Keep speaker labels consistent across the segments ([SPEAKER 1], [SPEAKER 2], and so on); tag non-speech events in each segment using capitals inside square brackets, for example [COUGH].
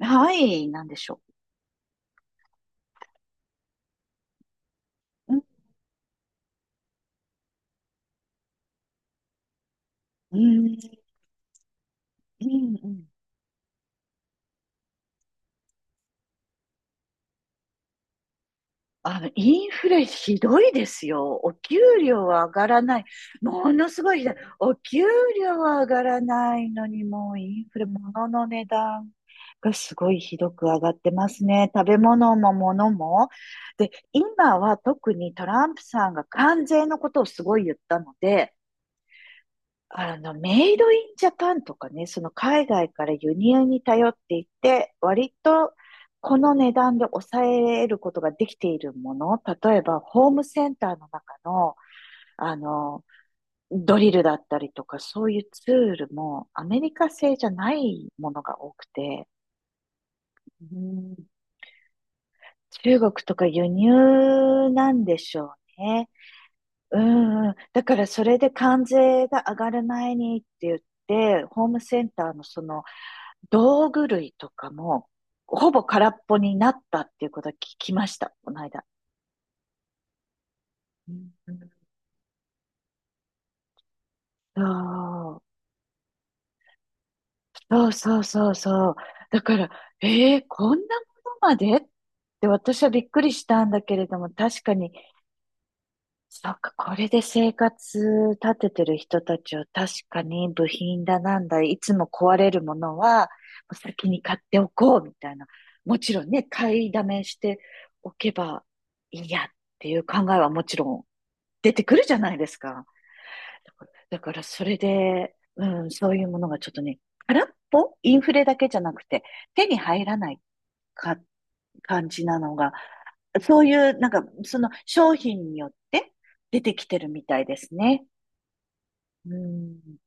[SPEAKER 1] はい、なんでしょうん、うん、うん、うん。インフレひどいですよ。お給料は上がらない。ものすごいひどい。お給料は上がらないのに、もうインフレ、物の値段がすごいひどく上がってますね。食べ物も物も。で、今は特にトランプさんが関税のことをすごい言ったので、メイドインジャパンとかね、その海外から輸入に頼っていて、割とこの値段で抑えることができているもの、例えばホームセンターの中の、あの、ドリルだったりとか、そういうツールもアメリカ製じゃないものが多くて、うん、中国とか輸入なんでしょうね。うんうん。だからそれで関税が上がる前にって言って、ホームセンターのその道具類とかも、ほぼ空っぽになったっていうことは聞きました、この間。うん、そうそうそうそうそう。だから、こんなものまでって私はびっくりしたんだけれども、確かに、そっか、これで生活立ててる人たちを確かに部品だなんだ、いつも壊れるものは先に買っておこうみたいな。もちろんね、買いだめしておけばいいやっていう考えはもちろん出てくるじゃないですか。だからそれで、うん、そういうものがちょっとね、空っぽインフレだけじゃなくて、手に入らないか感じなのが、そういう、その商品によって出てきてるみたいですね。うん、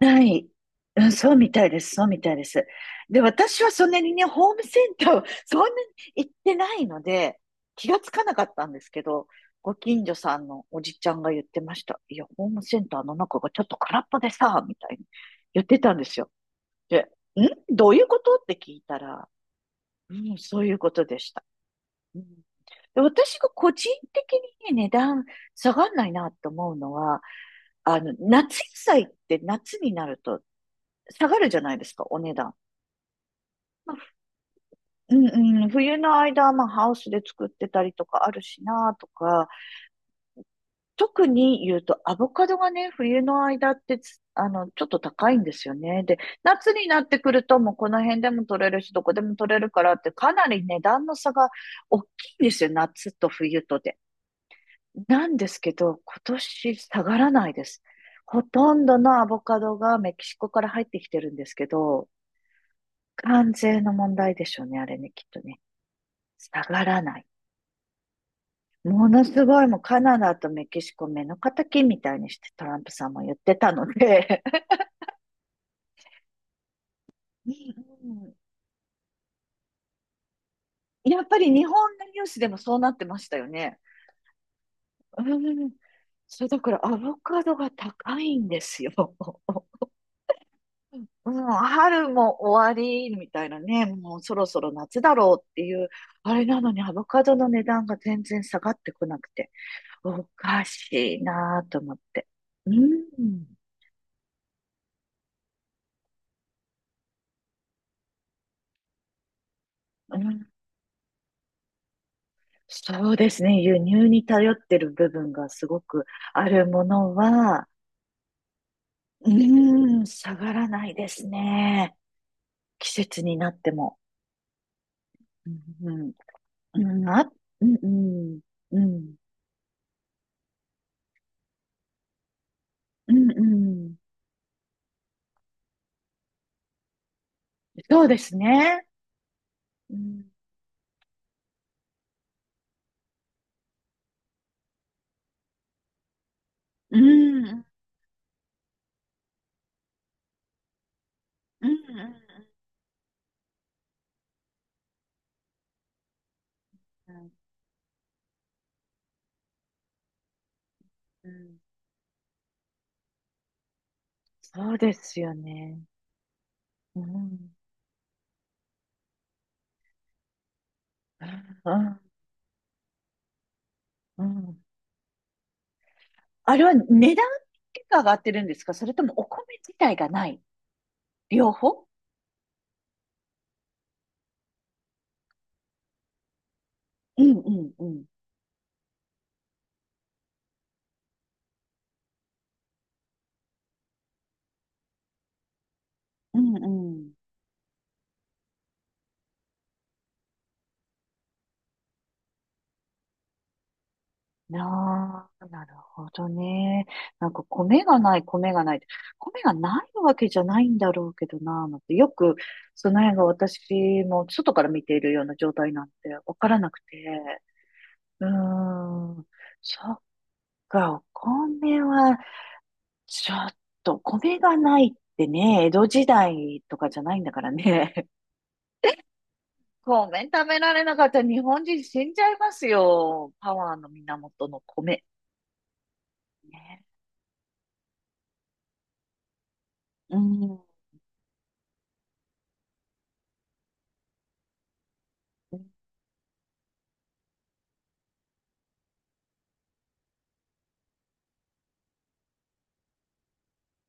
[SPEAKER 1] ない。うん、そうみたいです。そうみたいです。で、私はそんなにね、ホームセンターを [LAUGHS] そんなに行ってないので、気がつかなかったんですけど、ご近所さんのおじちゃんが言ってました。いや、ホームセンターの中がちょっと空っぽでさ、みたいに言ってたんですよ。で、んどういうことって聞いたら、うん、そういうことでした。うん。で私が個人的にね、値段下がんないなと思うのは、夏野菜って夏になると下がるじゃないですか、お値段。まあ、うんうん、冬の間、まあ、ハウスで作ってたりとかあるしなとか、特に言うと、アボカドがね、冬の間ってつ、ちょっと高いんですよね。で、夏になってくると、もうこの辺でも取れるし、どこでも取れるからって、かなり値段の差が大きいんですよ、夏と冬とで。なんですけど、今年下がらないです。ほとんどのアボカドがメキシコから入ってきてるんですけど、関税の問題でしょうね、あれね、きっとね。下がらない。ものすごいもうカナダとメキシコ目の敵みたいにしてトランプさんも言ってたので。 [LAUGHS] うん、やっぱり日本のニュースでもそうなってましたよね。うん、それだからアボカドが高いんですよ。うん、春も終わりみたいなね、もうそろそろ夏だろうっていう、あれなのにアボカドの値段が全然下がってこなくて、おかしいなぁと思って。うん、うん。そうですね。輸入に頼ってる部分がすごくあるものは、うーん、下がらないですね。季節になっても。うん、うん、うん、あ、うん、うん、うん、うん、うん。そうですね。うん、うん、うん、うん、うん、うん。そうですよね。うん、うん、うん。あれは値段結果上がってるんですか、それともお米自体がない。両方。うん、うん、うん、うん。ああ、なるほどね。なんか米がない、米がないって。米がないわけじゃないんだろうけどな、なんて。よく、その辺が私も外から見ているような状態なんてわからなくて。うーん。そっか、お米は、ちょっと、米がないってね、江戸時代とかじゃないんだからね。[LAUGHS] 米食べられなかったら日本人死んじゃいますよ。パワーの源の米。ね。うん、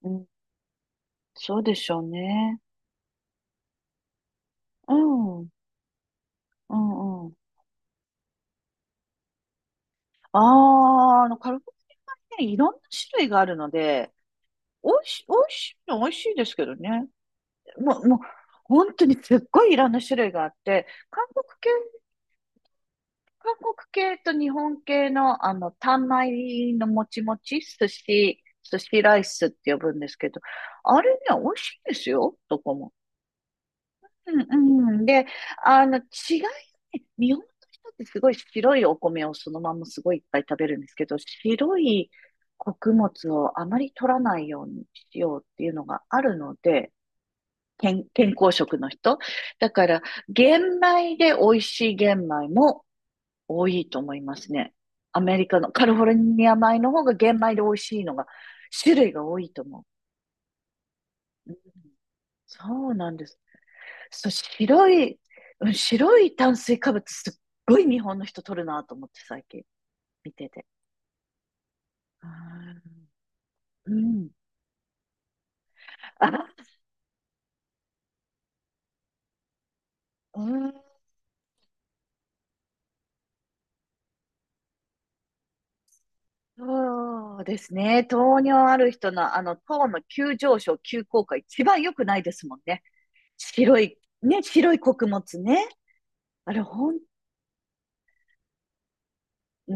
[SPEAKER 1] うん、そうでしょうね。うん、うん、うん。ああ、カルボナーラね、いろんな種類があるので、美味しいの美味しいですけどね。もう、もう、本当にすっごいいろんな種類があって、韓国系、韓国系と日本系の、あの、単米のもちもち、寿司ライスって呼ぶんですけど、あれね、美味しいですよ、どこも。うんうん。で、違いがね、日本の人ってすごい白いお米をそのまんますごいいっぱい食べるんですけど、白い穀物をあまり取らないようにしようっていうのがあるので、健康食の人。だから、玄米で美味しい玄米も多いと思いますね。アメリカのカリフォルニア米の方が玄米で美味しいのが、種類が多いと思う。そうなんです。そう、白い、うん、白い炭水化物すっごい日本の人取るなと思って最近見てて。あーうん。あ、うん。そうですね。糖尿ある人の、あの、糖の急上昇、急降下、一番良くないですもんね。白い、ね、白い穀物ね。あれ、ほん、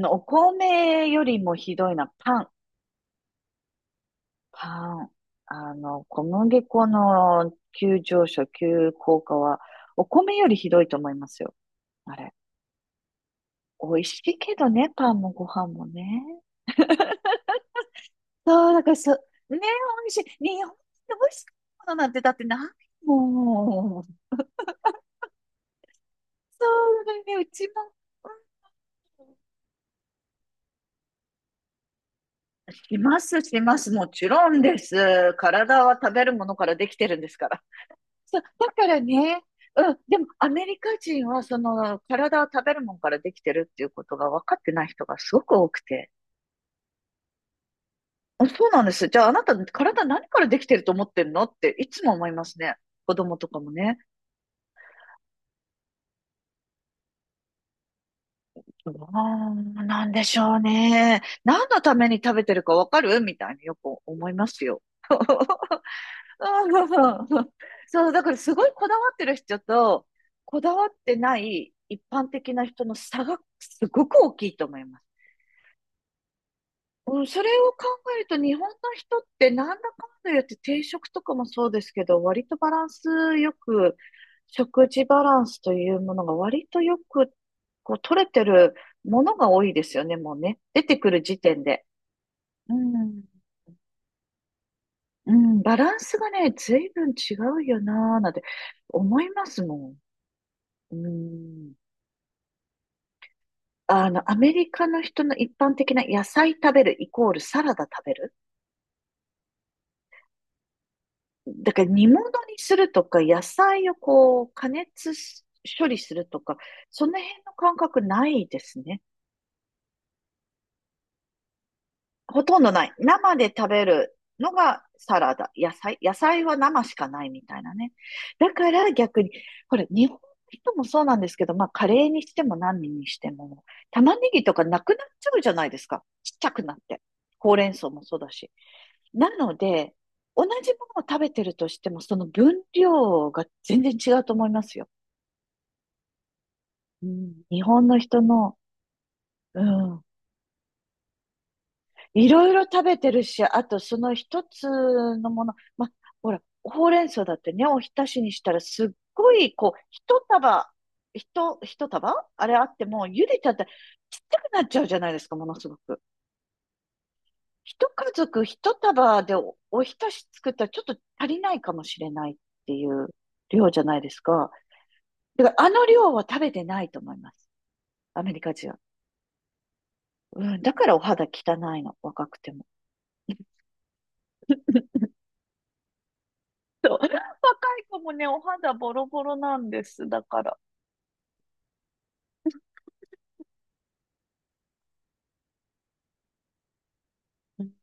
[SPEAKER 1] お米よりもひどいな。パン、パン。小麦粉の急上昇、急降下は、お米よりひどいと思いますよ。あれ。美味しいけどね、パンもご飯もね。そう、だからそう、ね、美味しい。日本で美味しいものなんてだってないもん。そうだね、うちも。うん、します、します。もちろんです。体は食べるものからできてるんですから。そう、だからね、うん、でもアメリカ人はその体は食べるものからできてるっていうことが分かってない人がすごく多くて。あ、そうなんです。じゃああなた体何からできてると思ってんのっていつも思いますね。子供とかもね。どうなんでしょうね。何のために食べてるかわかるみたいによく思いますよ。[LAUGHS] そう、だからすごいこだわってる人と、こだわってない一般的な人の差がすごく大きいと思います。うん、それを考えると日本の人ってなんだかんだ言って定食とかもそうですけど割とバランスよく食事バランスというものが割とよくこう取れてるものが多いですよね、もうね、出てくる時点で。うん。うん、バランスがね、随分違うよなーなんて思いますもん。うん。アメリカの人の一般的な野菜食べるイコールサラダ食べる。だから煮物にするとか、野菜をこう、加熱し処理するとか、その辺の感覚ないですね。ほとんどない。生で食べるのがサラダ。野菜、野菜は生しかないみたいなね。だから逆に、ほら、日本の人もそうなんですけど、まあ、カレーにしても何にしても、玉ねぎとかなくなっちゃうじゃないですか。ちっちゃくなって。ほうれん草もそうだし。なので、同じものを食べてるとしても、その分量が全然違うと思いますよ。うん。日本の人の、うん、いろいろ食べてるし、あとその一つのもの、ま、ほら、ほうれん草だってね、おひたしにしたらすっごい、こう、一束、一束あれあっても、茹でちゃったらちっちゃくなっちゃうじゃないですか、ものすごく。一家族一束でお、おひたし作ったらちょっと足りないかもしれないっていう量じゃないですか。だからあの量は食べてないと思います。アメリカ人は。うん、だからお肌汚いの、若くても。そう。若い子もね、お肌ボロボロなんです。だから。うん